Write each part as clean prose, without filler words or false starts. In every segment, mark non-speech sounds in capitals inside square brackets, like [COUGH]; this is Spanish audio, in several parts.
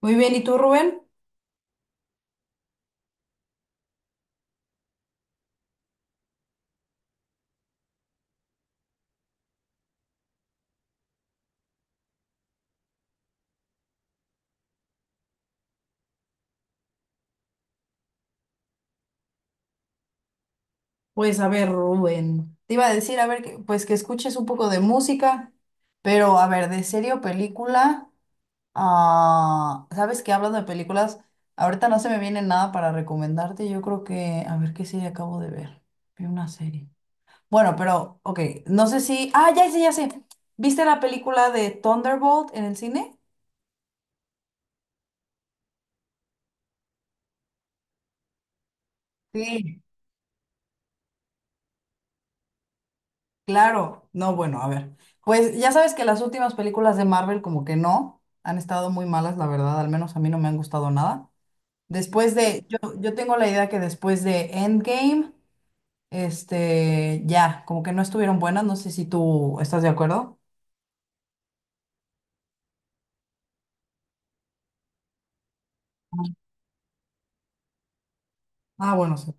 Muy bien, ¿y tú, Rubén? Pues a ver, Rubén, te iba a decir, a ver, pues que escuches un poco de música, pero a ver, de serie o película, ah, ¿sabes qué? Hablando de películas, ahorita no se me viene nada para recomendarte, yo creo que, a ver, ¿qué serie acabo de ver? Vi una serie. Bueno, pero, ok, no sé si, ah, ya sé, ¿viste la película de Thunderbolt en el cine? Sí. Claro, no, bueno, a ver. Pues ya sabes que las últimas películas de Marvel como que no, han estado muy malas, la verdad, al menos a mí no me han gustado nada. Después de, yo tengo la idea que después de Endgame, este, ya, como que no estuvieron buenas, no sé si tú estás de acuerdo. Ah, bueno, sí.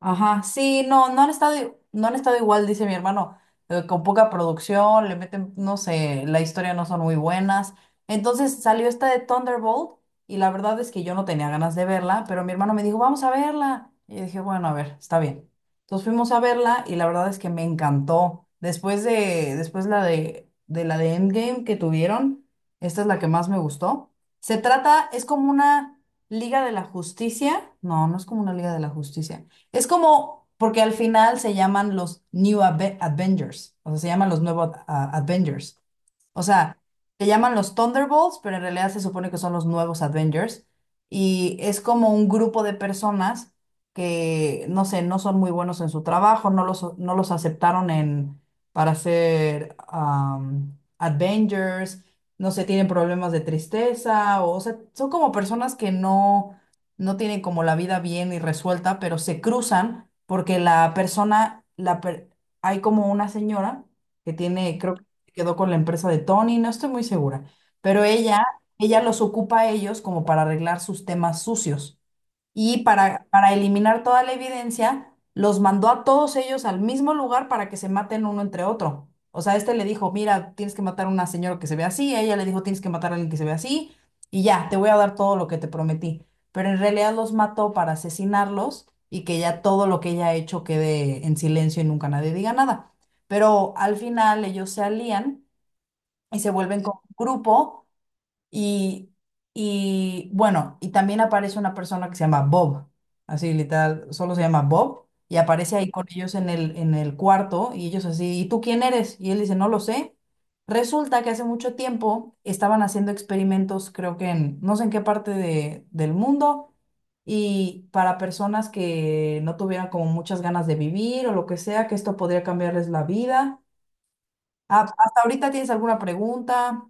Ajá, sí, no, no han estado, no han estado igual, dice mi hermano, con poca producción, le meten, no sé, la historia no son muy buenas. Entonces salió esta de Thunderbolt y la verdad es que yo no tenía ganas de verla, pero mi hermano me dijo, vamos a verla. Y dije, bueno, a ver, está bien. Entonces fuimos a verla y la verdad es que me encantó. Después de, después la de la de Endgame que tuvieron, esta es la que más me gustó. Se trata, es como una Liga de la Justicia. No, no es como una Liga de la Justicia. Es como, porque al final se llaman los Avengers, o sea, se llaman los nuevos Avengers. O sea, se llaman los Thunderbolts, pero en realidad se supone que son los nuevos Avengers. Y es como un grupo de personas que, no sé, no son muy buenos en su trabajo, no los aceptaron en, para ser Avengers, no sé, tienen problemas de tristeza, o sea, son como personas que no, no tienen como la vida bien y resuelta, pero se cruzan porque la persona, hay como una señora que tiene, creo quedó con la empresa de Tony, no estoy muy segura, pero ella los ocupa a ellos como para arreglar sus temas sucios y para eliminar toda la evidencia, los mandó a todos ellos al mismo lugar para que se maten uno entre otro. O sea, este le dijo, mira, tienes que matar a una señora que se ve así, ella le dijo, tienes que matar a alguien que se ve así, y ya, te voy a dar todo lo que te prometí. Pero en realidad los mató para asesinarlos y que ya todo lo que ella ha hecho quede en silencio y nunca nadie diga nada. Pero al final ellos se alían y se vuelven como un grupo y, y bueno, y también aparece una persona que se llama Bob, así literal, solo se llama Bob y aparece ahí con ellos en el cuarto y ellos así, ¿y tú quién eres? Y él dice, no lo sé. Resulta que hace mucho tiempo estaban haciendo experimentos, creo que en no sé en qué parte del mundo, y para personas que no tuvieran como muchas ganas de vivir o lo que sea, que esto podría cambiarles la vida. Ah, ¿hasta ahorita tienes alguna pregunta?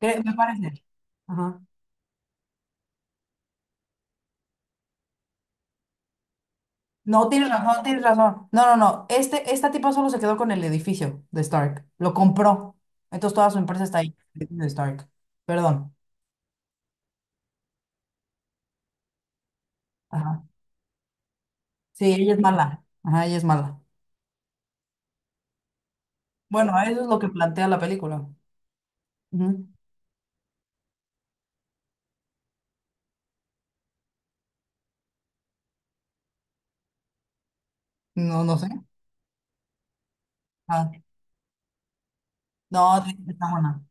Me parece. Ajá. No, tienes razón, tienes razón. No, no, no. Este, esta tipa solo se quedó con el edificio de Stark. Lo compró. Entonces toda su empresa está ahí. De Stark. Perdón. Ajá. Sí, ella es mala. Ajá, ella es mala. Bueno, eso es lo que plantea la película. Ujú. No, no sé. Ah, no, sí, está buena.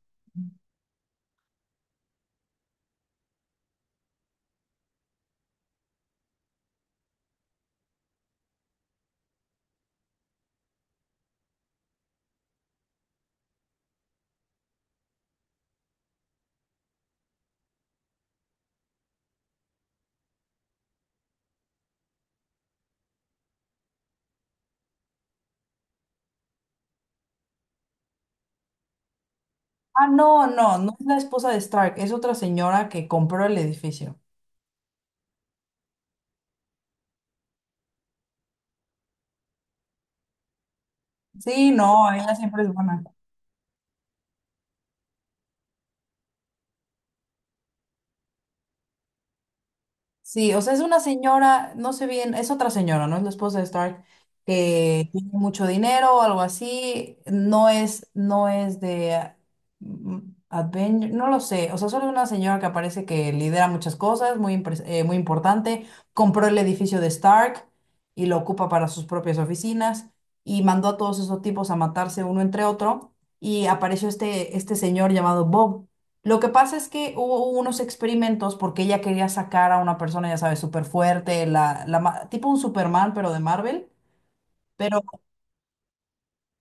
Ah, no, no, no es la esposa de Stark, es otra señora que compró el edificio. Sí, no, ella siempre es buena. Sí, o sea, es una señora, no sé bien, es otra señora, ¿no? Es la esposa de Stark, que tiene mucho dinero o algo así. No es, no es de mm, Avenger, no lo sé. O sea, solo es una señora que aparece que lidera muchas cosas, muy, muy importante. Compró el edificio de Stark y lo ocupa para sus propias oficinas y mandó a todos esos tipos a matarse uno entre otro. Y apareció este, este señor llamado Bob lo que pasa es que hubo unos experimentos porque ella quería sacar a una persona, ya sabes, súper fuerte, la, tipo un Superman, pero de Marvel. Pero,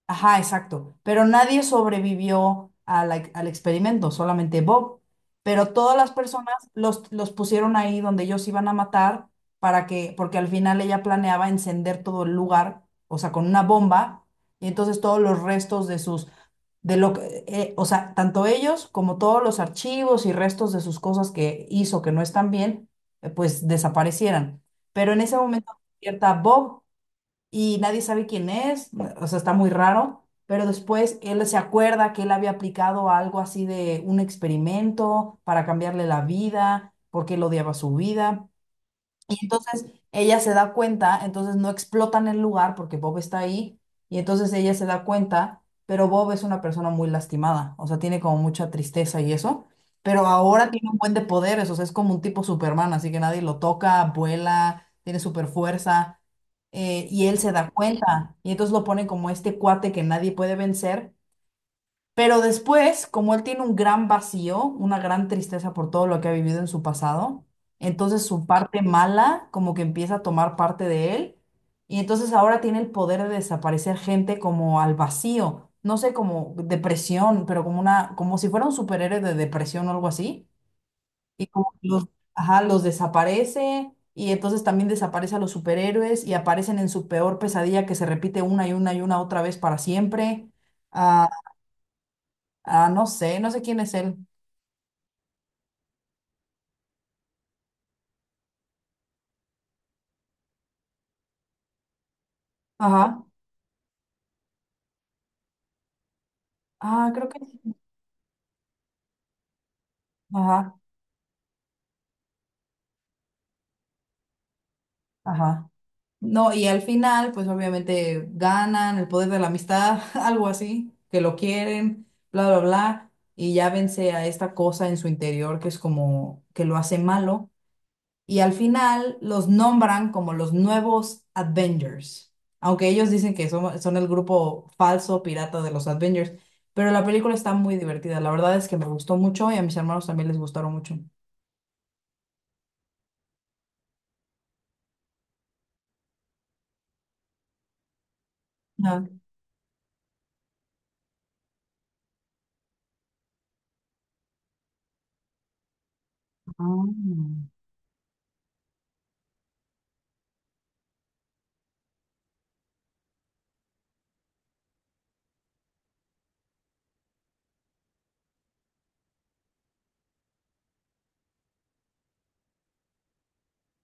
ajá, exacto. Pero nadie sobrevivió a al experimento, solamente Bob. Pero todas las personas los pusieron ahí donde ellos iban a matar para que, porque al final ella planeaba encender todo el lugar, o sea, con una bomba. Y entonces todos los restos de sus de lo que, o sea, tanto ellos como todos los archivos y restos de sus cosas que hizo que no están bien, pues desaparecieran. Pero en ese momento despierta Bob y nadie sabe quién es, o sea, está muy raro, pero después él se acuerda que él había aplicado algo así de un experimento para cambiarle la vida, porque él odiaba su vida. Y entonces ella se da cuenta, entonces no explotan el lugar porque Bob está ahí, y entonces ella se da cuenta, pero Bob es una persona muy lastimada, o sea, tiene como mucha tristeza y eso, pero ahora tiene un buen de poderes, o sea, es como un tipo Superman, así que nadie lo toca, vuela, tiene super fuerza, y él se da cuenta, y entonces lo pone como este cuate que nadie puede vencer, pero después, como él tiene un gran vacío, una gran tristeza por todo lo que ha vivido en su pasado, entonces su parte mala como que empieza a tomar parte de él y entonces ahora tiene el poder de desaparecer gente como al vacío, no sé, como depresión, pero como una, como si fuera un superhéroe de depresión o algo así y como que los, ajá, los desaparece y entonces también desaparece a los superhéroes y aparecen en su peor pesadilla que se repite una y una y una otra vez para siempre. Ah, no sé, no sé quién es él. Ajá. Ah, creo que sí. Ajá, ajá. No, y al final, pues obviamente ganan el poder de la amistad, [LAUGHS] algo así, que lo quieren, bla, bla, bla, y ya vence a esta cosa en su interior que es como que lo hace malo. Y al final los nombran como los nuevos Avengers, aunque ellos dicen que son, son el grupo falso pirata de los Avengers, pero la película está muy divertida, la verdad es que me gustó mucho y a mis hermanos también les gustaron mucho. Ah,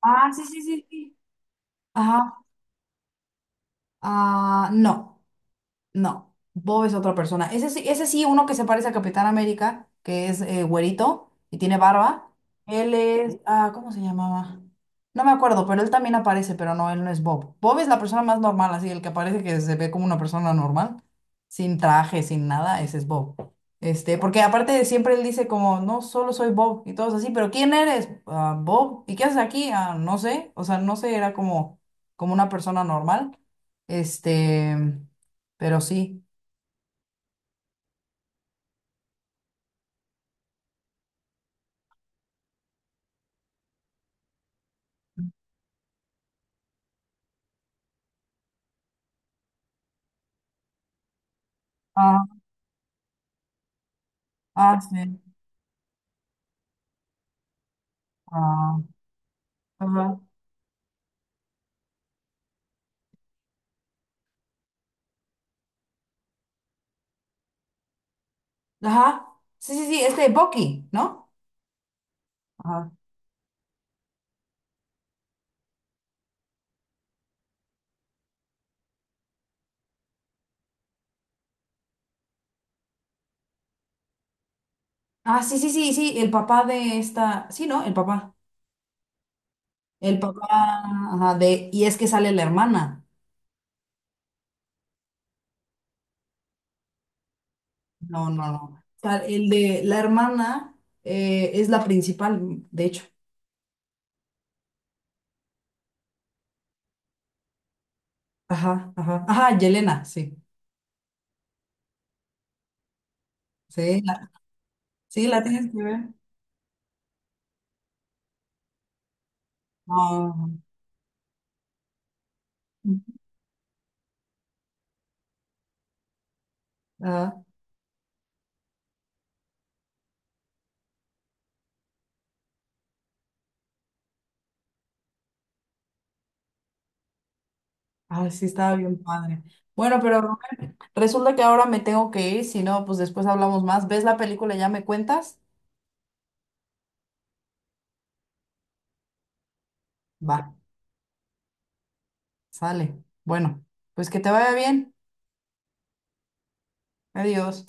ah, sí, sí, sí, sí. Ajá. Ah, no. No, Bob es otra persona. Ese sí, uno que se parece a Capitán América, que es güerito y tiene barba. Él es, ah, ¿cómo se llamaba? No me acuerdo, pero él también aparece, pero no, él no es Bob. Bob es la persona más normal, así, el que parece que se ve como una persona normal, sin traje, sin nada, ese es Bob. Este, porque aparte de siempre él dice como, no, solo soy Bob y todos así, pero ¿quién eres? "Ah, Bob. ¿Y qué haces aquí? Ah, no sé. O sea, no sé, era como, como una persona normal. Este pero sí. Ah, ah, sí. Ah, ajá. Ajá. Sí, sí, sí, este Bucky, ¿no? Ajá. Ah, sí, sí, sí, sí, el papá de esta. Sí, ¿no? El papá. El papá, ajá, de. Y es que sale la hermana. No, no, no. El de la hermana es la principal, de hecho. Ajá, ajá. Ajá, Yelena, sí. Sí, la, sí, la tienes que ver. Ah, ajá. Ay, sí, estaba bien padre. Bueno, pero Rubén, resulta que ahora me tengo que ir, si no, pues después hablamos más. ¿Ves la película y ya me cuentas? Va, sale. Bueno, pues que te vaya bien. Adiós.